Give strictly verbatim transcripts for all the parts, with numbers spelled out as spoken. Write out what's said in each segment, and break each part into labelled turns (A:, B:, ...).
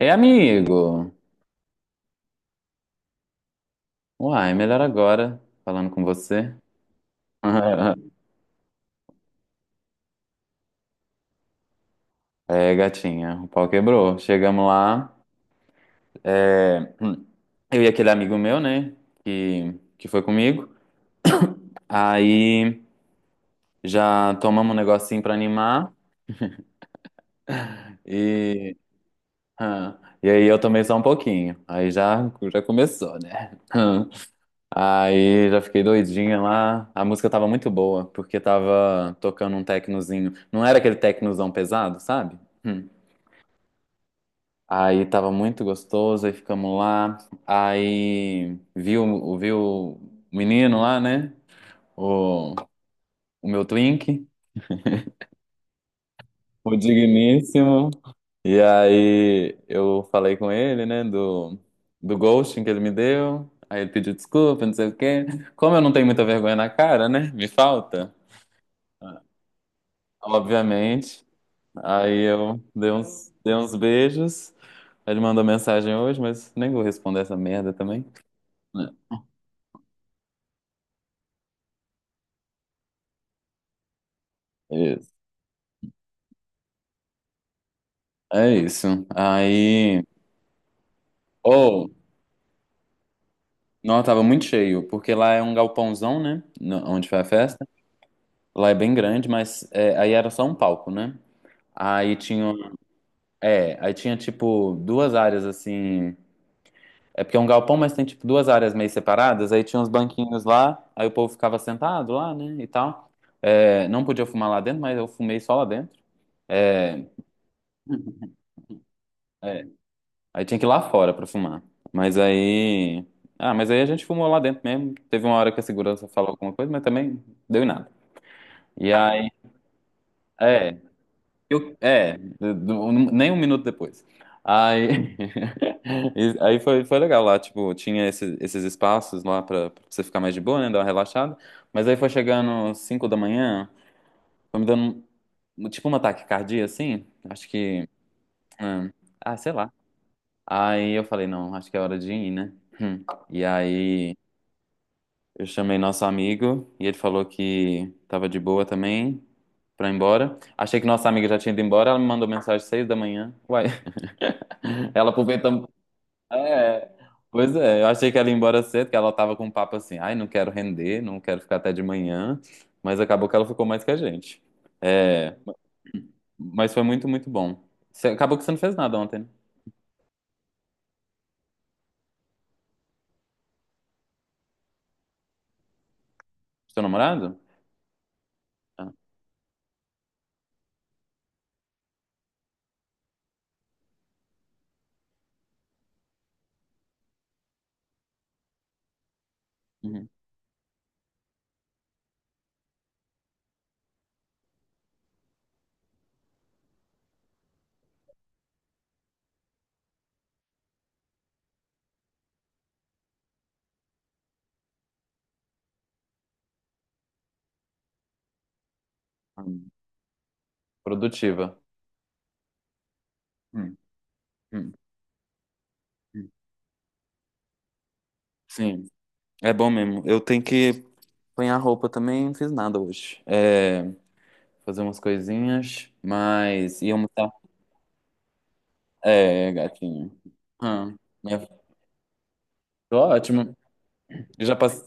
A: Ei, amigo! Uai, melhor agora, falando com você. É, gatinha, o pau quebrou. Chegamos lá, é, eu e aquele amigo meu, né, que, que foi comigo. Aí já tomamos um negocinho pra animar e, ah, e aí eu tomei só um pouquinho. Aí já, já começou, né? Aí já fiquei doidinha lá. A música tava muito boa, porque tava tocando um tecnozinho. Não era aquele tecnozão pesado, sabe? Hum. Aí tava muito gostoso, aí ficamos lá. Aí viu o, vi o menino lá, né? O, o meu twink, o digníssimo. E aí eu falei com ele, né? Do, do ghosting que ele me deu. Aí ele pediu desculpa, não sei o quê. Como eu não tenho muita vergonha na cara, né? Me falta, obviamente. Aí eu dei uns, dei uns beijos. Ele mandou mensagem hoje, mas nem vou responder essa merda também. Né? É isso. Aí. Oh, não, tava muito cheio, porque lá é um galpãozão, né? no- Onde foi a festa. Lá é bem grande, mas é, aí era só um palco, né? Aí tinha. É, aí tinha tipo duas áreas assim. É porque é um galpão, mas tem tipo duas áreas meio separadas. Aí tinha uns banquinhos lá, aí o povo ficava sentado lá, né? E tal. É, não podia fumar lá dentro, mas eu fumei só lá dentro. É, é, Aí tinha que ir lá fora pra fumar. Mas aí. Ah, mas aí a gente fumou lá dentro mesmo. Teve uma hora que a segurança falou alguma coisa, mas também deu em nada. E aí. É. Eu, é. Do- do- Nem um minuto depois. Aí. e- Aí foi, foi legal lá, tipo, tinha esse- esses espaços lá pra, pra você ficar mais de boa, né? Dar uma relaxada. Mas aí foi chegando cinco da manhã, foi me dando um- tipo um ataque cardíaco, assim. Acho que. Hum, Ah, sei lá. Aí eu falei, não, acho que é hora de ir, né? Hum. E aí eu chamei nosso amigo e ele falou que tava de boa também pra ir embora. Achei que nossa amiga já tinha ido embora, ela me mandou mensagem às seis da manhã. Uai, ela aproveitando. É, é. pois é, eu achei que ela ia embora cedo, que ela tava com um papo assim, ai, não quero render, não quero ficar até de manhã, mas acabou que ela ficou mais que a gente. É, mas foi muito, muito bom. Você- acabou que você não fez nada ontem, né? Seu namorado? Ah, uhum. Hum. Produtiva. Hum. Hum, hum. Sim, é bom mesmo. Eu tenho que apanhar roupa também, não fiz nada hoje. É, fazer umas coisinhas, mas ia almoçar. É, gatinho. Ah, né? Tô ótimo. Eu já passei,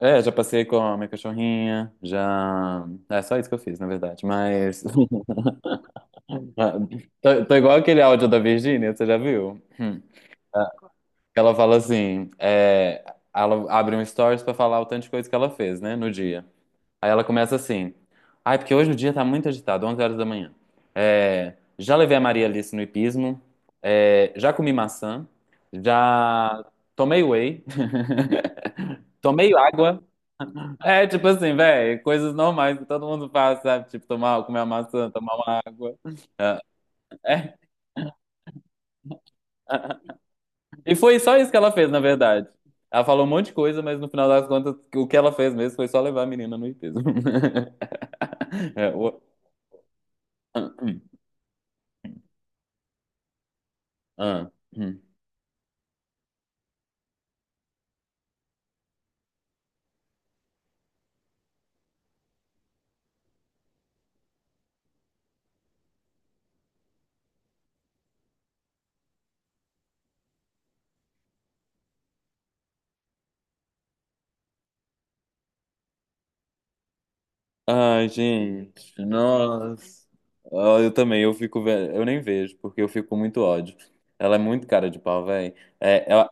A: é, já passei com a minha cachorrinha, já. É só isso que eu fiz, na verdade. Mas tô, tô igual aquele áudio da Virgínia, você já viu? Hum. Ela fala assim, é, ela abre um stories pra falar o tanto de coisa que ela fez, né, no dia. Aí ela começa assim. Ai, porque hoje o dia tá muito agitado, onze horas da manhã. É, já levei a Maria Alice no hipismo, é, já comi maçã, já tomei whey, tomei água. É, tipo assim, velho, coisas normais que todo mundo faz, sabe? Tipo, tomar, comer uma maçã, tomar uma água. É, é. E foi só isso que ela fez, na verdade. Ela falou um monte de coisa, mas no final das contas, o que ela fez mesmo foi só levar a menina no hipismo. É, o- Ah, ah, ah. hum." Ai, gente, nossa. Ah, eu também, eu fico ve- eu nem vejo, porque eu fico com muito ódio. Ela é muito cara de pau, velho. É, ela...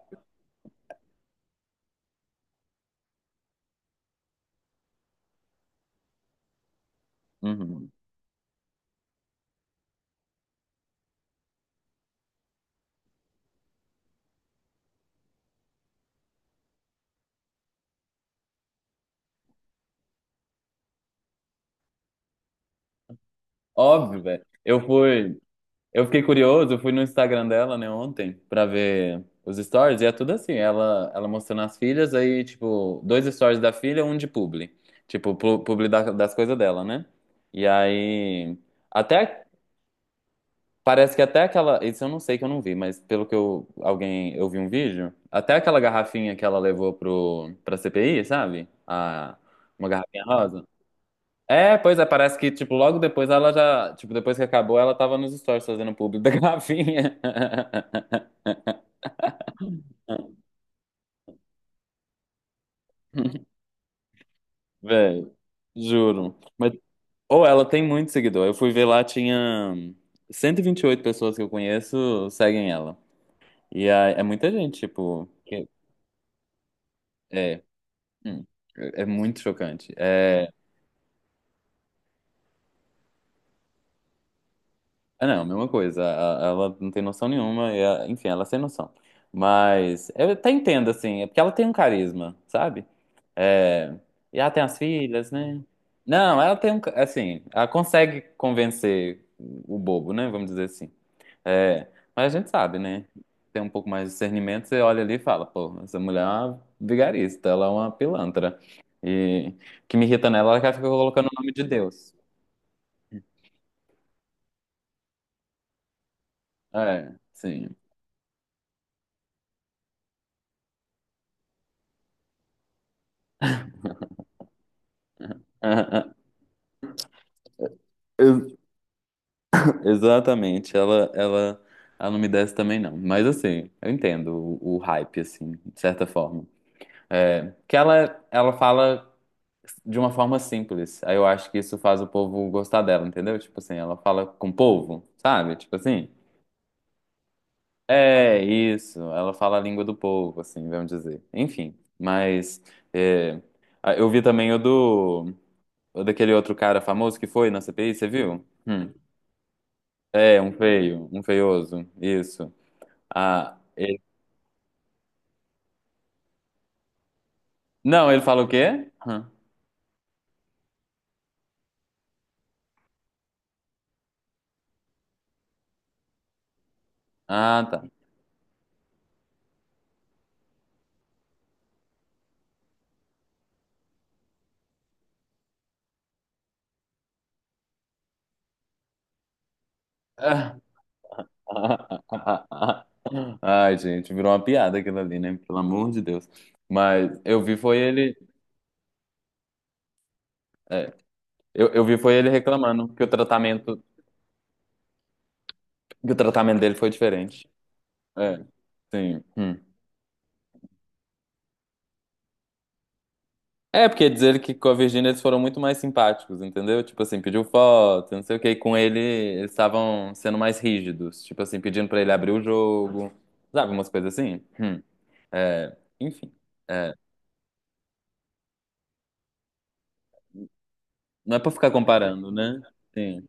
A: Uhum. Óbvio, velho. Eu fui, eu fiquei curioso, eu fui no Instagram dela, né, ontem, pra ver os stories, e é tudo assim, ela, ela mostrando as filhas, aí, tipo, dois stories da filha, um de publi. Tipo, pu- publi da- das coisas dela, né? E aí, até parece que até aquela. Isso eu não sei que eu não vi, mas pelo que eu. Alguém. Eu vi um vídeo. Até aquela garrafinha que ela levou pro, pra C P I, sabe? A, uma garrafinha rosa. É, pois é, parece que, tipo, logo depois ela já. Tipo, depois que acabou, ela tava nos stories fazendo público da garrafinha. Véi, juro. Mas, ou ela tem muito seguidor. Eu fui ver lá, tinha cento e e vinte e oito pessoas que eu conheço seguem ela. E é, é muita gente, tipo. que- é, hum, é é Muito chocante. é Ah, não, mesma coisa. A- a- Ela não tem noção nenhuma. e a- enfim, ela é sem noção. Mas eu até entendo, assim. É porque ela tem um carisma, sabe? É, e ela tem as filhas, né? Não, ela tem um. Ca- Assim, ela consegue convencer o bobo, né? Vamos dizer assim. É, mas a gente sabe, né? Tem um pouco mais de discernimento, você olha ali e fala, pô, essa mulher é uma vigarista, ela é uma pilantra. E o que me irrita nela é que ela fica colocando o nome de Deus. É, sim. Exatamente, ela, ela, ela não me desce também não. Mas assim, eu entendo o, o hype, assim, de certa forma. É, que ela, ela fala de uma forma simples. Aí eu acho que isso faz o povo gostar dela, entendeu? Tipo assim, ela fala com o povo, sabe? Tipo assim, é isso, ela fala a língua do povo, assim, vamos dizer. Enfim, mas é, eu vi também o do, o daquele outro cara famoso que foi na C P I, você viu? Hum. É, um feio, um feioso, isso. Ah, ele- Não, ele fala o quê? Ah, tá. Ai, gente, virou uma piada aquilo ali, né? Pelo amor de Deus. Mas eu vi foi ele. é, eu, eu vi foi ele reclamando que o tratamento, que o tratamento dele foi diferente. É, sim. Hum. É, porque dizer que com a Virgínia eles foram muito mais simpáticos, entendeu? Tipo assim, pediu foto, não sei o que. E com ele eles estavam sendo mais rígidos. Tipo assim, pedindo pra ele abrir o jogo. Sabe, umas coisas assim? Hum. É, enfim, é, não é pra ficar comparando, né? Sim,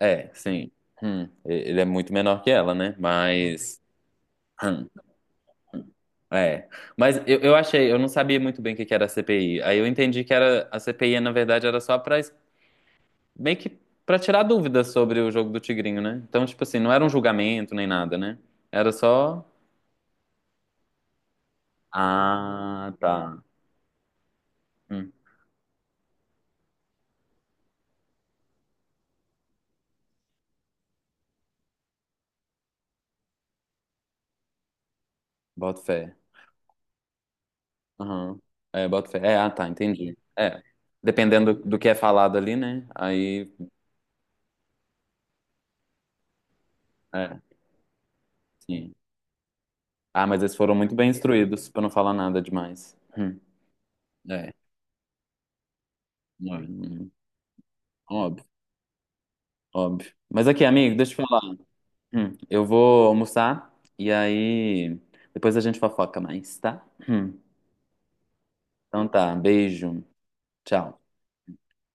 A: é, sim. Hum, ele é muito menor que ela, né? Mas, hum, é. Mas eu, eu achei, eu não sabia muito bem o que que era a C P I. Aí eu entendi que era a C P I, na verdade, era só pra es- meio que para tirar dúvidas sobre o jogo do Tigrinho, né? Então, tipo assim, não era um julgamento nem nada, né? Era só. Ah, tá. Hum, boto fé. Aham. É, boto fé. É, ah, tá, entendi. É. Dependendo do que é falado ali, né? Aí É, sim. Ah, mas eles foram muito bem instruídos, pra não falar nada demais. Hum, é, Hum, óbvio, óbvio. Mas aqui, amigo, deixa eu te falar. Hum, eu vou almoçar e aí depois a gente fofoca mais, tá? Hum, então tá, beijo, tchau.